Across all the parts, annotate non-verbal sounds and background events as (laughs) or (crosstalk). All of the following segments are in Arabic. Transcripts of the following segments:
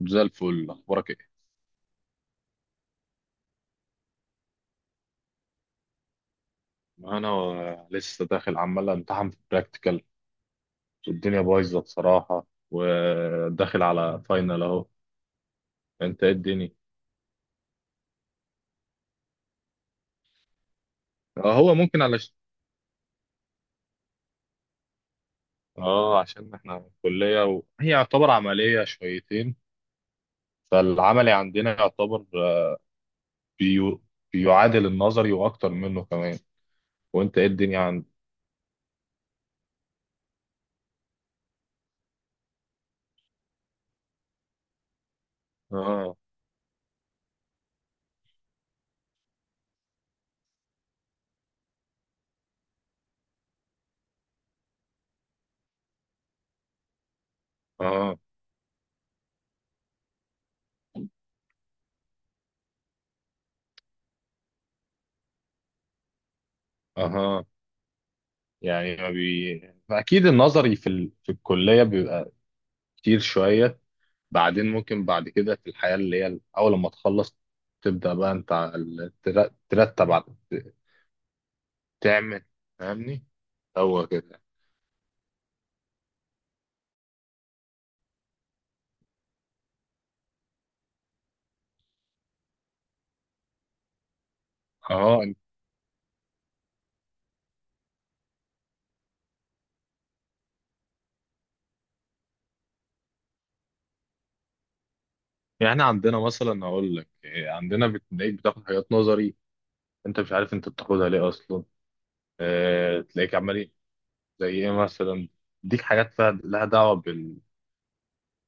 زي الفل، اخبارك ايه؟ انا لسه داخل عمال امتحن في براكتيكال، والدنيا بايظه بصراحه، وداخل على فاينل اهو. انت ايه الدنيا؟ هو ممكن علشان اه عشان احنا كليه هي يعتبر عمليه شويتين. فالعملي عندنا يعتبر بيو... بيعادل النظري واكتر منه كمان. وانت ايه الدنيا عندك؟ اه، اه، اها. يعني ما بي... اكيد النظري في الكليه بيبقى كتير شويه. بعدين ممكن بعد كده في الحياة اللي هي أول لما تخلص، تبدأ بقى أنت ترتب تعمل. فاهمني؟ هو كده. اه. يعني عندنا مثلا، أقول لك عندنا بتلاقيك بتاخد حاجات نظري، أنت مش عارف أنت بتاخدها ليه أصلا. اه تلاقيك عمال زي إيه مثلا، ديك حاجات فيها لها دعوة بال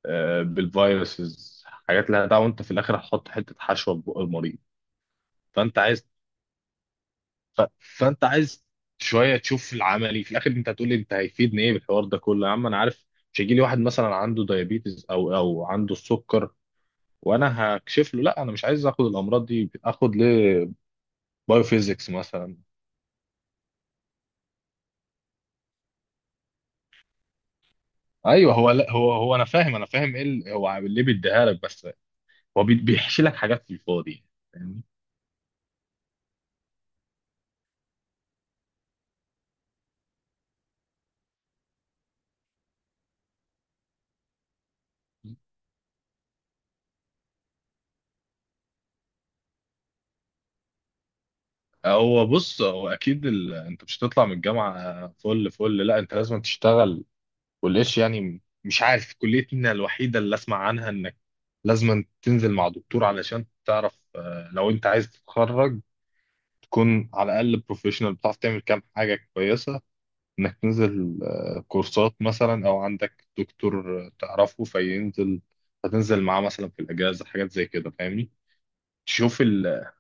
آه، بالفيروسز، حاجات لها دعوة وأنت في الآخر هتحط حتة حشوة في بق المريض. فأنت عايز فانت عايز شويه تشوف العملي في الاخر. انت هتقول لي انت هيفيدني ايه بالحوار ده كله، يا عم انا عارف. مش هيجي لي واحد مثلا عنده دايابيتس او عنده السكر وانا هكشف له. لا انا مش عايز اخد الامراض دي، اخد ليه بايوفيزيكس مثلا؟ ايوه هو، لا هو انا فاهم، ايه هو ليه بيديها لك بس؟ هو بيحشي لك حاجات في الفاضي، يعني، فاهمني. هو بص، هو اكيد انت مش هتطلع من الجامعه فل فل، لا انت لازم تشتغل والقش. يعني مش عارف، كليتنا الوحيدة اللي أسمع عنها إنك لازم تنزل مع دكتور علشان تعرف، لو أنت عايز تتخرج تكون على الأقل بروفيشنال بتعرف تعمل كام حاجة كويسة، إنك تنزل كورسات مثلا، أو عندك دكتور تعرفه فينزل، هتنزل معاه مثلا في الأجازة حاجات زي كده. فاهمني؟ تشوف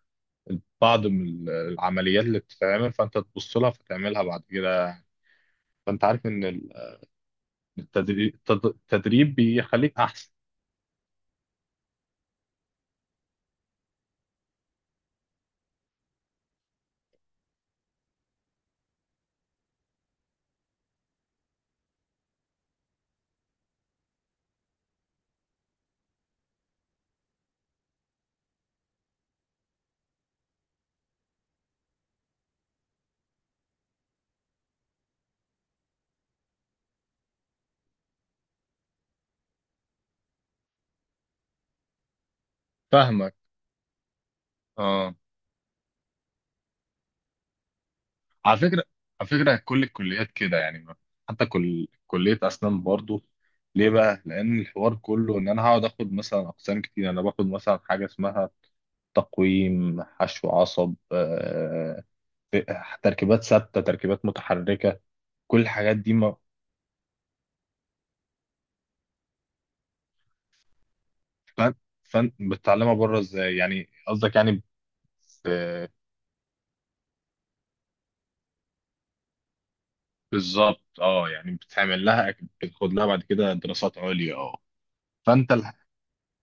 بعض من العمليات اللي بتتعمل فأنت تبص لها فتعملها بعد كده. فأنت عارف إن التدريب بيخليك أحسن. فاهمك. اه. على فكرة، كل الكليات كده يعني، حتى كل كلية أسنان برضو. ليه بقى؟ لأن الحوار كله إن أنا هقعد آخد مثلا أقسام كتير. أنا باخد مثلا حاجة اسمها تقويم، حشو، عصب، تركيبات ثابتة، تركيبات متحركة، كل الحاجات دي ما. فن فن بتتعلمها بره، إزاي يعني قصدك يعني؟ ب- بالظبط، اه يعني بتعمل لها، بتاخد لها بعد كده دراسات عليا. اه. فانت،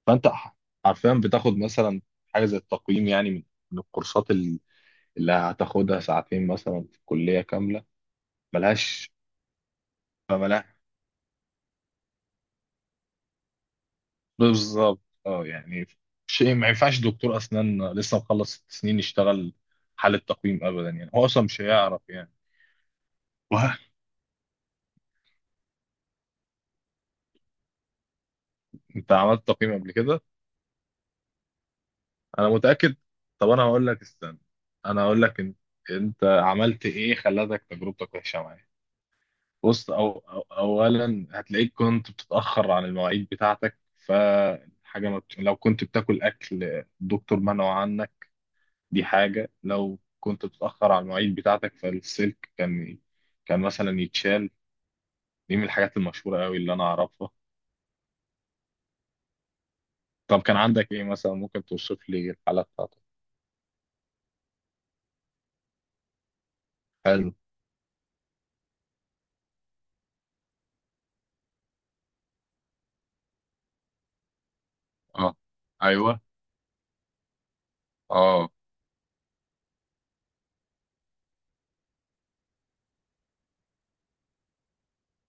فانت ح- حرفيا بتاخد مثلا حاجه زي التقييم، يعني من الكورسات اللي هتاخدها ساعتين مثلا في الكليه كامله، ملهاش. فملهاش. بالظبط اه، يعني شيء ما ينفعش دكتور اسنان لسه مخلص 6 سنين يشتغل حالة تقييم ابدا، يعني هو اصلا مش هيعرف يعني. واه، انت عملت تقييم قبل كده. انا متاكد. طب انا هقول لك استنى، انا هقول لك انت، عملت ايه خلتك تجربتك وحشه معايا. بص، أو أو أولا هتلاقيك كنت بتتأخر عن المواعيد بتاعتك، فحاجة ما بت... لو كنت بتاكل أكل الدكتور منعه عنك، دي حاجة. لو كنت بتتأخر عن المواعيد بتاعتك فالسلك كان مثلا يتشال، دي من الحاجات المشهورة أوي اللي أنا أعرفها. طب كان عندك إيه مثلا؟ ممكن توصف لي الحالة بتاعتك. حلو. اه. ايوه. اه.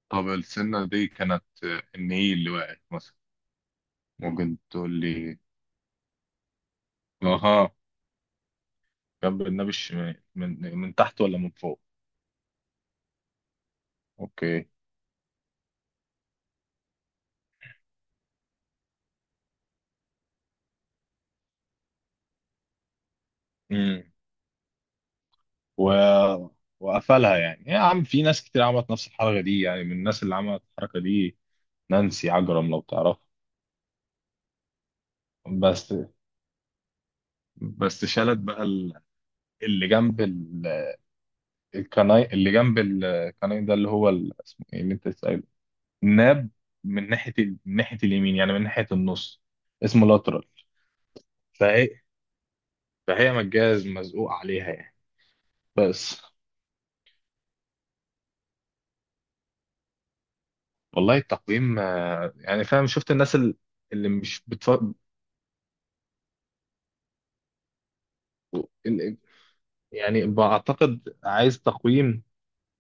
طب السنه دي كانت، ان ايه اللي وقعت مثلا، ممكن تقول لي؟ أها، جنب النبي الشمال من تحت ولا من فوق؟ اوكي. امم و... وقفلها يعني يا عم، في ناس كتير عملت نفس الحركه دي، يعني من الناس اللي عملت الحركه دي، نانسي عجرم لو تعرفها. بس بس شالت بقى اللي جنب ال- الكناي، اللي جنب الكناي ده، اللي هو اسمه ايه اللي انت سأله؟ الناب. من ناحيه اليمين، يعني من ناحيه النص، اسمه لاترال. فهي فهي مجاز مزقوق عليها يعني. بس. والله التقويم، يعني فاهم، شفت الناس ال- اللي مش بتف... ال- يعني بعتقد عايز تقويم.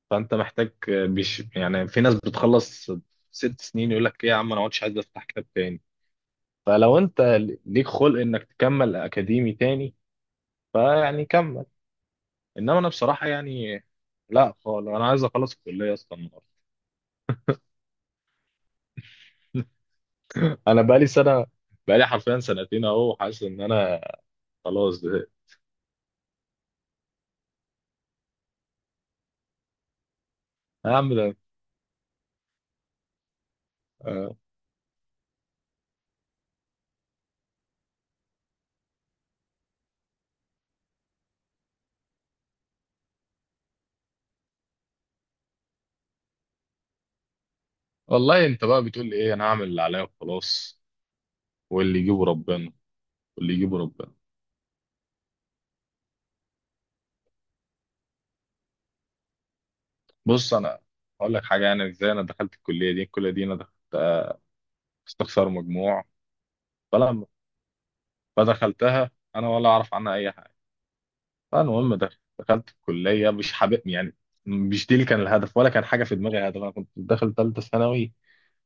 فانت محتاج يعني في ناس بتخلص 6 سنين يقول لك ايه يا عم انا ما عدتش عايز افتح كتاب تاني. فلو انت ليك خلق انك تكمل اكاديمي تاني، فيعني كمل. انما انا بصراحة يعني لا خالص، انا عايز اخلص الكلية اصلا النهارده. (laughs) انا بقالي سنة، بقالي حرفيا سنتين اهو، حاسس ان انا خلاص زهقت. يا عم ده، آه، والله انت بقى بتقول لي ايه؟ انا هعمل اللي عليا وخلاص، واللي يجيبه ربنا، واللي يجيبه ربنا. بص انا هقول لك حاجه، يعني ازاي انا دخلت الكليه دي؟ الكليه دي انا دخلت استخسار مجموع. فلما فدخلتها انا ولا اعرف عنها اي حاجه. فالمهم، دخلت الكليه مش حابب يعني، مش دي اللي كان الهدف ولا كان حاجه في دماغي هدف. انا كنت داخل ثالثه ثانوي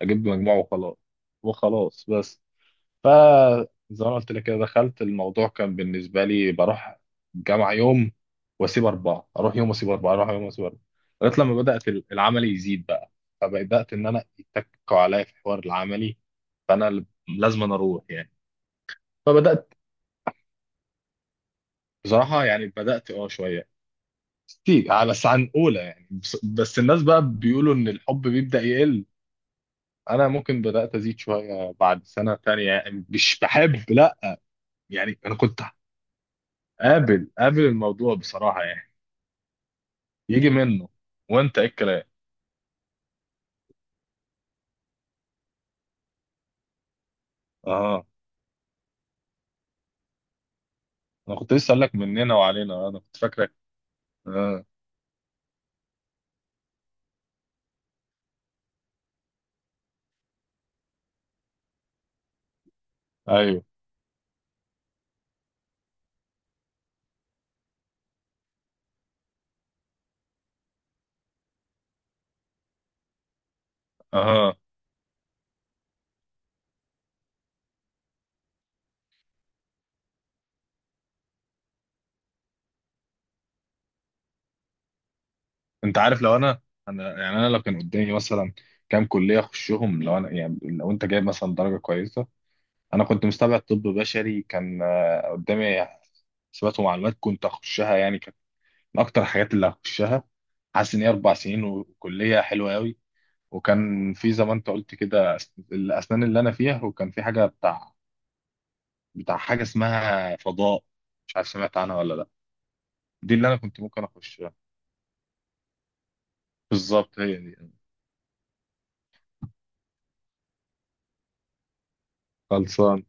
اجيب مجموع وخلاص، وخلاص بس. فزي ما أنا قلت لك كده، دخلت الموضوع كان بالنسبه لي بروح جامعه يوم واسيب اربعه، اروح يوم واسيب اربعه، اروح يوم واسيب اربعه، لغايه لما بدات العمل يزيد بقى، فبدات ان انا يتكوا عليا في حوار العملي، فانا لازم أنا اروح يعني. فبدات بصراحه، يعني بدات شويه كتير، بس عن اولى يعني. بس الناس بقى بيقولوا ان الحب بيبدا يقل، انا ممكن بدات ازيد شويه بعد سنه تانية، يعني مش بحب لا. يعني انا كنت قابل، الموضوع بصراحة يعني يجي منه. وانت ايه الكلام؟ اه. انا كنت لسه اقول لك مننا وعلينا، انا كنت فاكرك. اه. ايوه. اه. انت عارف، لو انا، يعني انا لو كان قدامي مثلا كام كلية اخشهم، لو انا، يعني لو انت جايب مثلا درجة كويسة، انا كنت مستبعد طب بشري كان قدامي. حسابات ومعلومات كنت اخشها يعني، كانت من اكتر الحاجات اللي هخشها، حاسس ان هي 4 سنين وكلية حلوة قوي. وكان في زي ما انت قلت كده الاسنان اللي انا فيها. وكان في حاجه بتاع حاجه اسمها فضاء، مش عارف سمعت عنها ولا لا. دي اللي انا كنت ممكن اخشها، بالظبط هي دي. خلصان.